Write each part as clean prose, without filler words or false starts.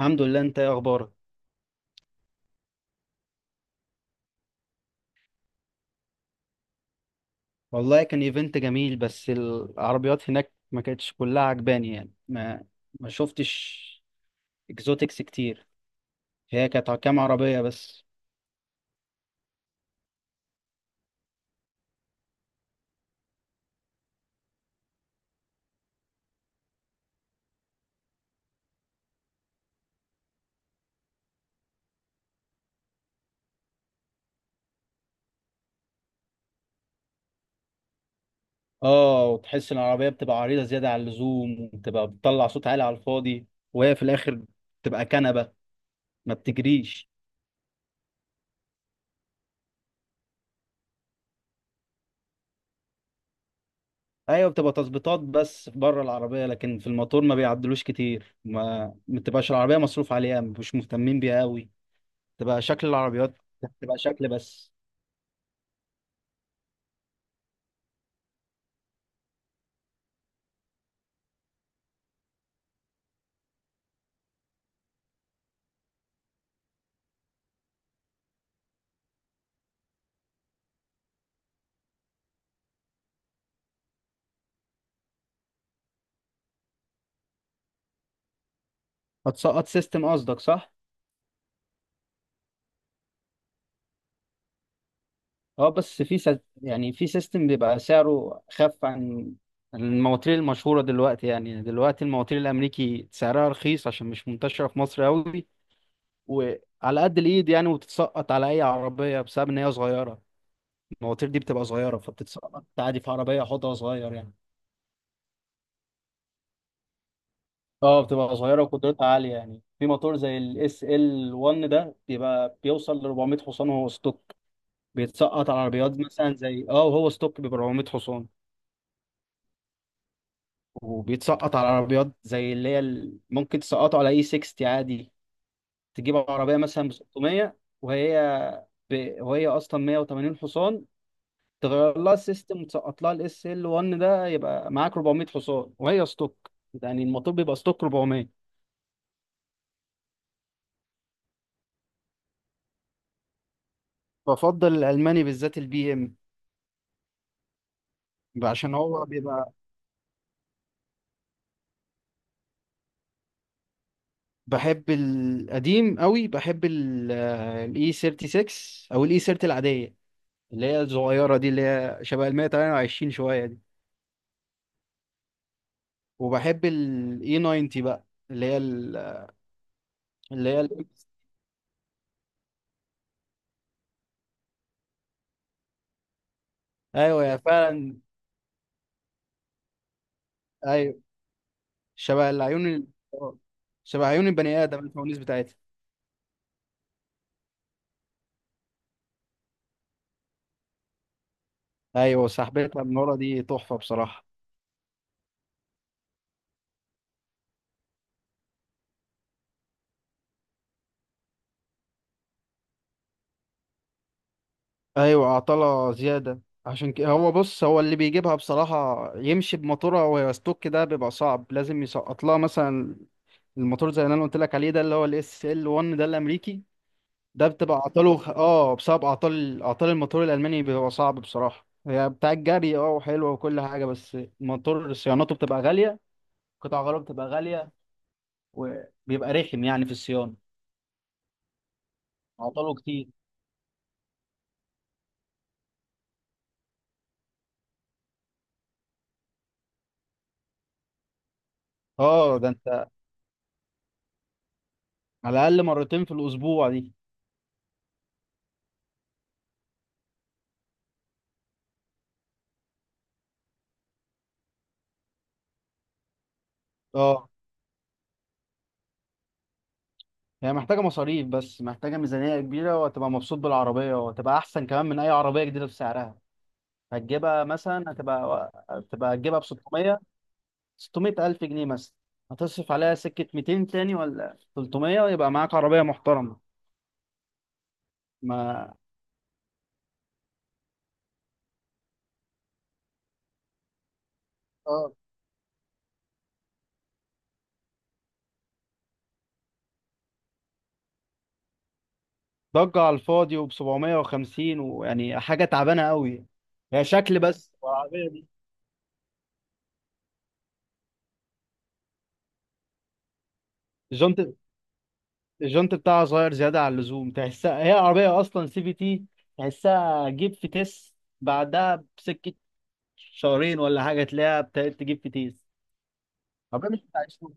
الحمد لله، انت ايه اخبارك؟ والله كان ايفنت جميل، بس العربيات هناك ما كانتش كلها عجباني، يعني ما شفتش اكزوتكس كتير. هي كانت كام عربية بس. اه، وتحس ان العربية بتبقى عريضة زيادة عن اللزوم، وبتبقى بتطلع صوت عالي على الفاضي، وهي في الاخر بتبقى كنبة، ما بتجريش. ايوه، بتبقى تظبيطات بس بره العربية، لكن في الموتور ما بيعدلوش كتير، ما بتبقاش العربية مصروف عليها، مش مهتمين بيها قوي. تبقى شكل العربيات، بتبقى شكل بس. هتسقط سيستم قصدك، صح؟ اه، بس في يعني في سيستم بيبقى سعره خف عن المواتير المشهورة دلوقتي. يعني دلوقتي المواتير الأمريكي سعرها رخيص عشان مش منتشرة في مصر أوي، وعلى قد الإيد يعني، وتتسقط على أي عربية بسبب إن هي صغيرة. المواتير دي بتبقى صغيرة، فبتتسقط عادي في عربية حوضها صغير يعني. اه، بتبقى صغيرة وقدرتها عالية، يعني في موتور زي الاس ال 1 ده بيبقى بيوصل ل 400 حصان وهو ستوك. بيتسقط على عربيات مثلا زي وهو ستوك بيبقى 400 حصان. وبيتسقط على عربيات زي ممكن تسقطه على اي 60 عادي. تجيب عربيه مثلا ب 600، وهي وهي اصلا 180 حصان، تغير لها السيستم وتسقط لها الاس ال 1 ده، يبقى معاك 400 حصان وهي ستوك. يعني الموتور بيبقى ستوك 400. بفضل الالماني، بالذات البي ام. عشان هو بيبقى... بحب القديم قوي، بحب الاي 36 او الاي 30 العاديه، اللي هي الصغيره دي، اللي هي شبه ال 128 شويه دي. وبحب الاي 90 بقى، اللي هي ال- اللي هي ايوه، يا فعلا. ايوه. شبه العيون ال- آه، شبه عيون البني ادم الفوانيس بتاعتها. ايوه، سحبتها من ورا دي تحفه بصراحه. ايوه، عطله زياده. عشان كده هو بص، هو اللي بيجيبها بصراحه يمشي بموتورها وهي ستوك ده بيبقى صعب، لازم يسقط لها مثلا الموتور زي اللي انا قلت لك عليه ده، اللي هو الاس ال 1 ده الامريكي. ده بتبقى اعطاله بسبب اعطال الموتور الالماني، بيبقى صعب بصراحه. هي بتاع الجري وحلوه وكل حاجه، بس الموتور صيانته بتبقى غاليه، قطع غياره بتبقى غاليه، وبيبقى رخم يعني في الصيانه، اعطاله كتير. اه، ده انت على الاقل مرتين في الاسبوع دي. اه، هي محتاجه مصاريف، بس محتاجه ميزانيه كبيره، وهتبقى مبسوط بالعربيه، وهتبقى احسن كمان من اي عربيه جديده بسعرها. هتجيبها مثلا هتبقى هتبقى هتجيبها ب 600. 600 ألف جنيه مثلا. هتصرف عليها سكة 200 تاني ولا 300، ويبقى معاك عربية محترمة. ما اه ضجة على الفاضي وب 750، ويعني حاجة تعبانة قوي. هي شكل بس، والعربية دي، الجنط الجنط بتاعها صغير زيادة عن اللزوم، تحسها هي عربية أصلا سي في تي. تحسها جيب في تيس بعدها بسكة شهرين ولا حاجة، تلاقيها ابتدت تجيب في تيس. عربية مش بتاع سوق.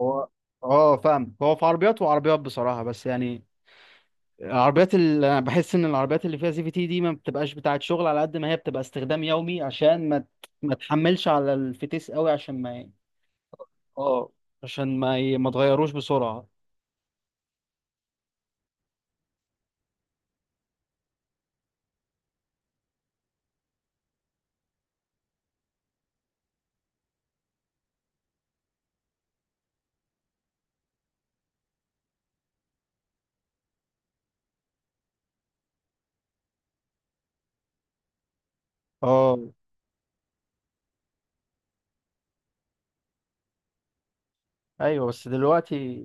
هو اه فاهم، هو في عربيات وعربيات بصراحة، بس يعني العربيات اللي انا بحس ان العربيات اللي فيها سي في تي دي ما بتبقاش بتاعه شغل، على قد ما هي بتبقى استخدام يومي، عشان ما تحملش على الفتيس قوي، عشان ما... اه. عشان ما تغيروش بسرعة. اه ايوه، بس دلوقتي...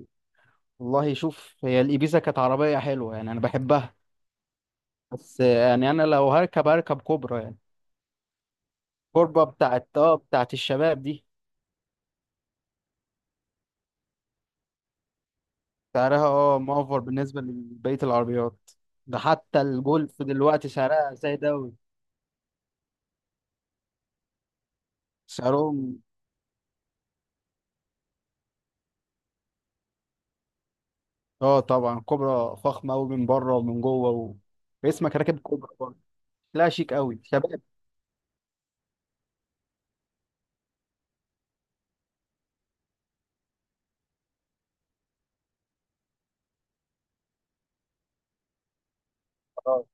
والله شوف، هي الإبيزا كانت عربية حلوة يعني، انا بحبها. بس يعني انا لو هركب كوبرا يعني. كوبرا بتاعت الشباب دي. سعرها مؤفر بالنسبة لبقية العربيات. ده حتى الجولف دلوقتي سعرها زي ده. سعرهم... اه، طبعا كوبرا فخمة قوي، من بره ومن جوه و... اسمك راكب كوبرا برضه. لا، شيك قوي، شباب. اه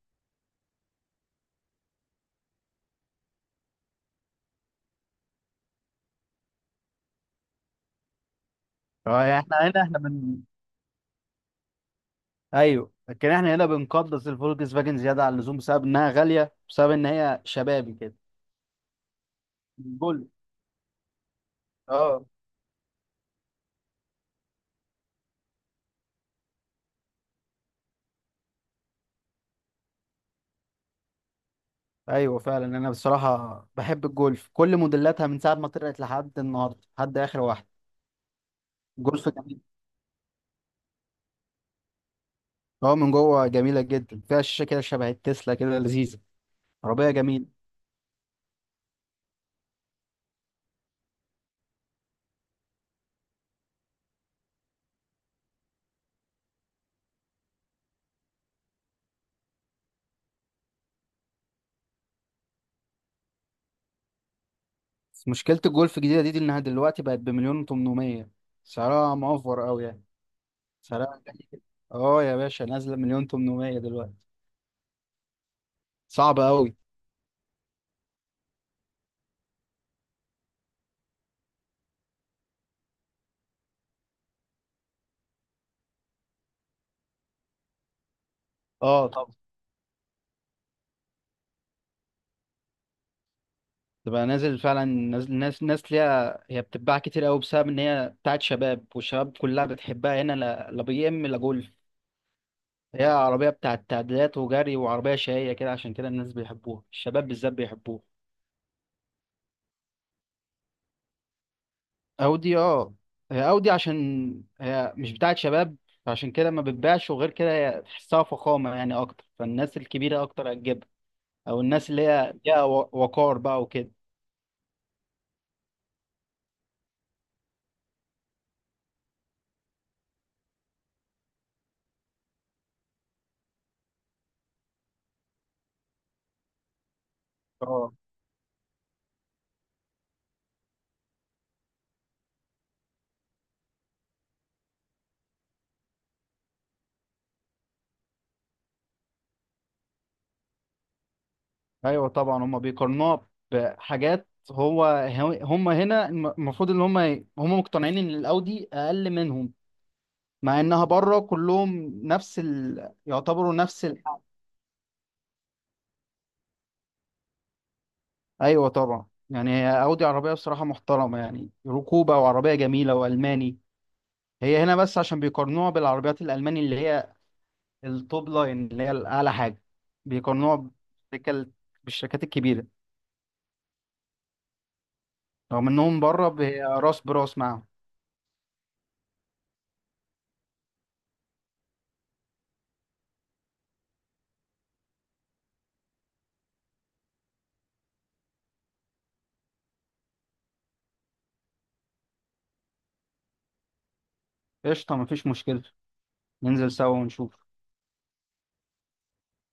اه يعني احنا هنا، احنا بن... ايوه، لكن احنا هنا بنقدس الفولكس فاجن زيادة عن اللزوم، بسبب انها غالية، بسبب ان هي شبابي كده. الجولف. اه. ايوه فعلا، انا بصراحة بحب الجولف، كل موديلاتها من ساعة ما طلعت لحد النهارده، لحد اخر واحدة. جولف جميل. اه، من جوه جميلة جدا، فيها شاشة كده شبه التسلا، كده لذيذة. عربية جميلة. بس مشكلة الجولف الجديدة دي إنها دلوقتي بقت بمليون وتمنمية. سعرها موفر أوي يعني. سعرها غالي. اه يا باشا، نازلة 1,800,000 دلوقتي. صعب أوي. اه طبعا. تبقى نازل فعلا، نازل ناس، ليها. هي بتتباع كتير أوي، بسبب إن هي بتاعت شباب، والشباب كلها بتحبها هنا. لا، لا بي إم لا جولف. هي عربية بتاعت تعديلات وجري، وعربية شقية كده، عشان كده الناس بيحبوها، الشباب بالذات بيحبوها. اودي، اه. هي اودي عشان هي مش بتاعت شباب، عشان كده ما بتبيعش. وغير كده هي تحسها فخامه يعني اكتر، فالناس الكبيره اكتر هتجيبها، او الناس اللي هي ليها وقار بقى وكده. اه ايوه طبعا، هم بيقارنوها بحاجات. هو، هم هنا المفروض ان هم، هم مقتنعين ان الاودي اقل منهم، مع انها بره كلهم نفس ال... يعتبروا نفس ال... ايوه طبعا، يعني هي اودي عربيه بصراحه محترمه، يعني ركوبه، وعربيه جميله، والماني. هي هنا بس عشان بيقارنوها بالعربيات الألماني، اللي هي التوب لاين، اللي هي الأعلى حاجة. بيقارنوها بالشركة- بالشركات الكبيرة، رغم إنهم بره راس براس معاهم. قشطة، مفيش مشكلة. ننزل سوا ونشوف.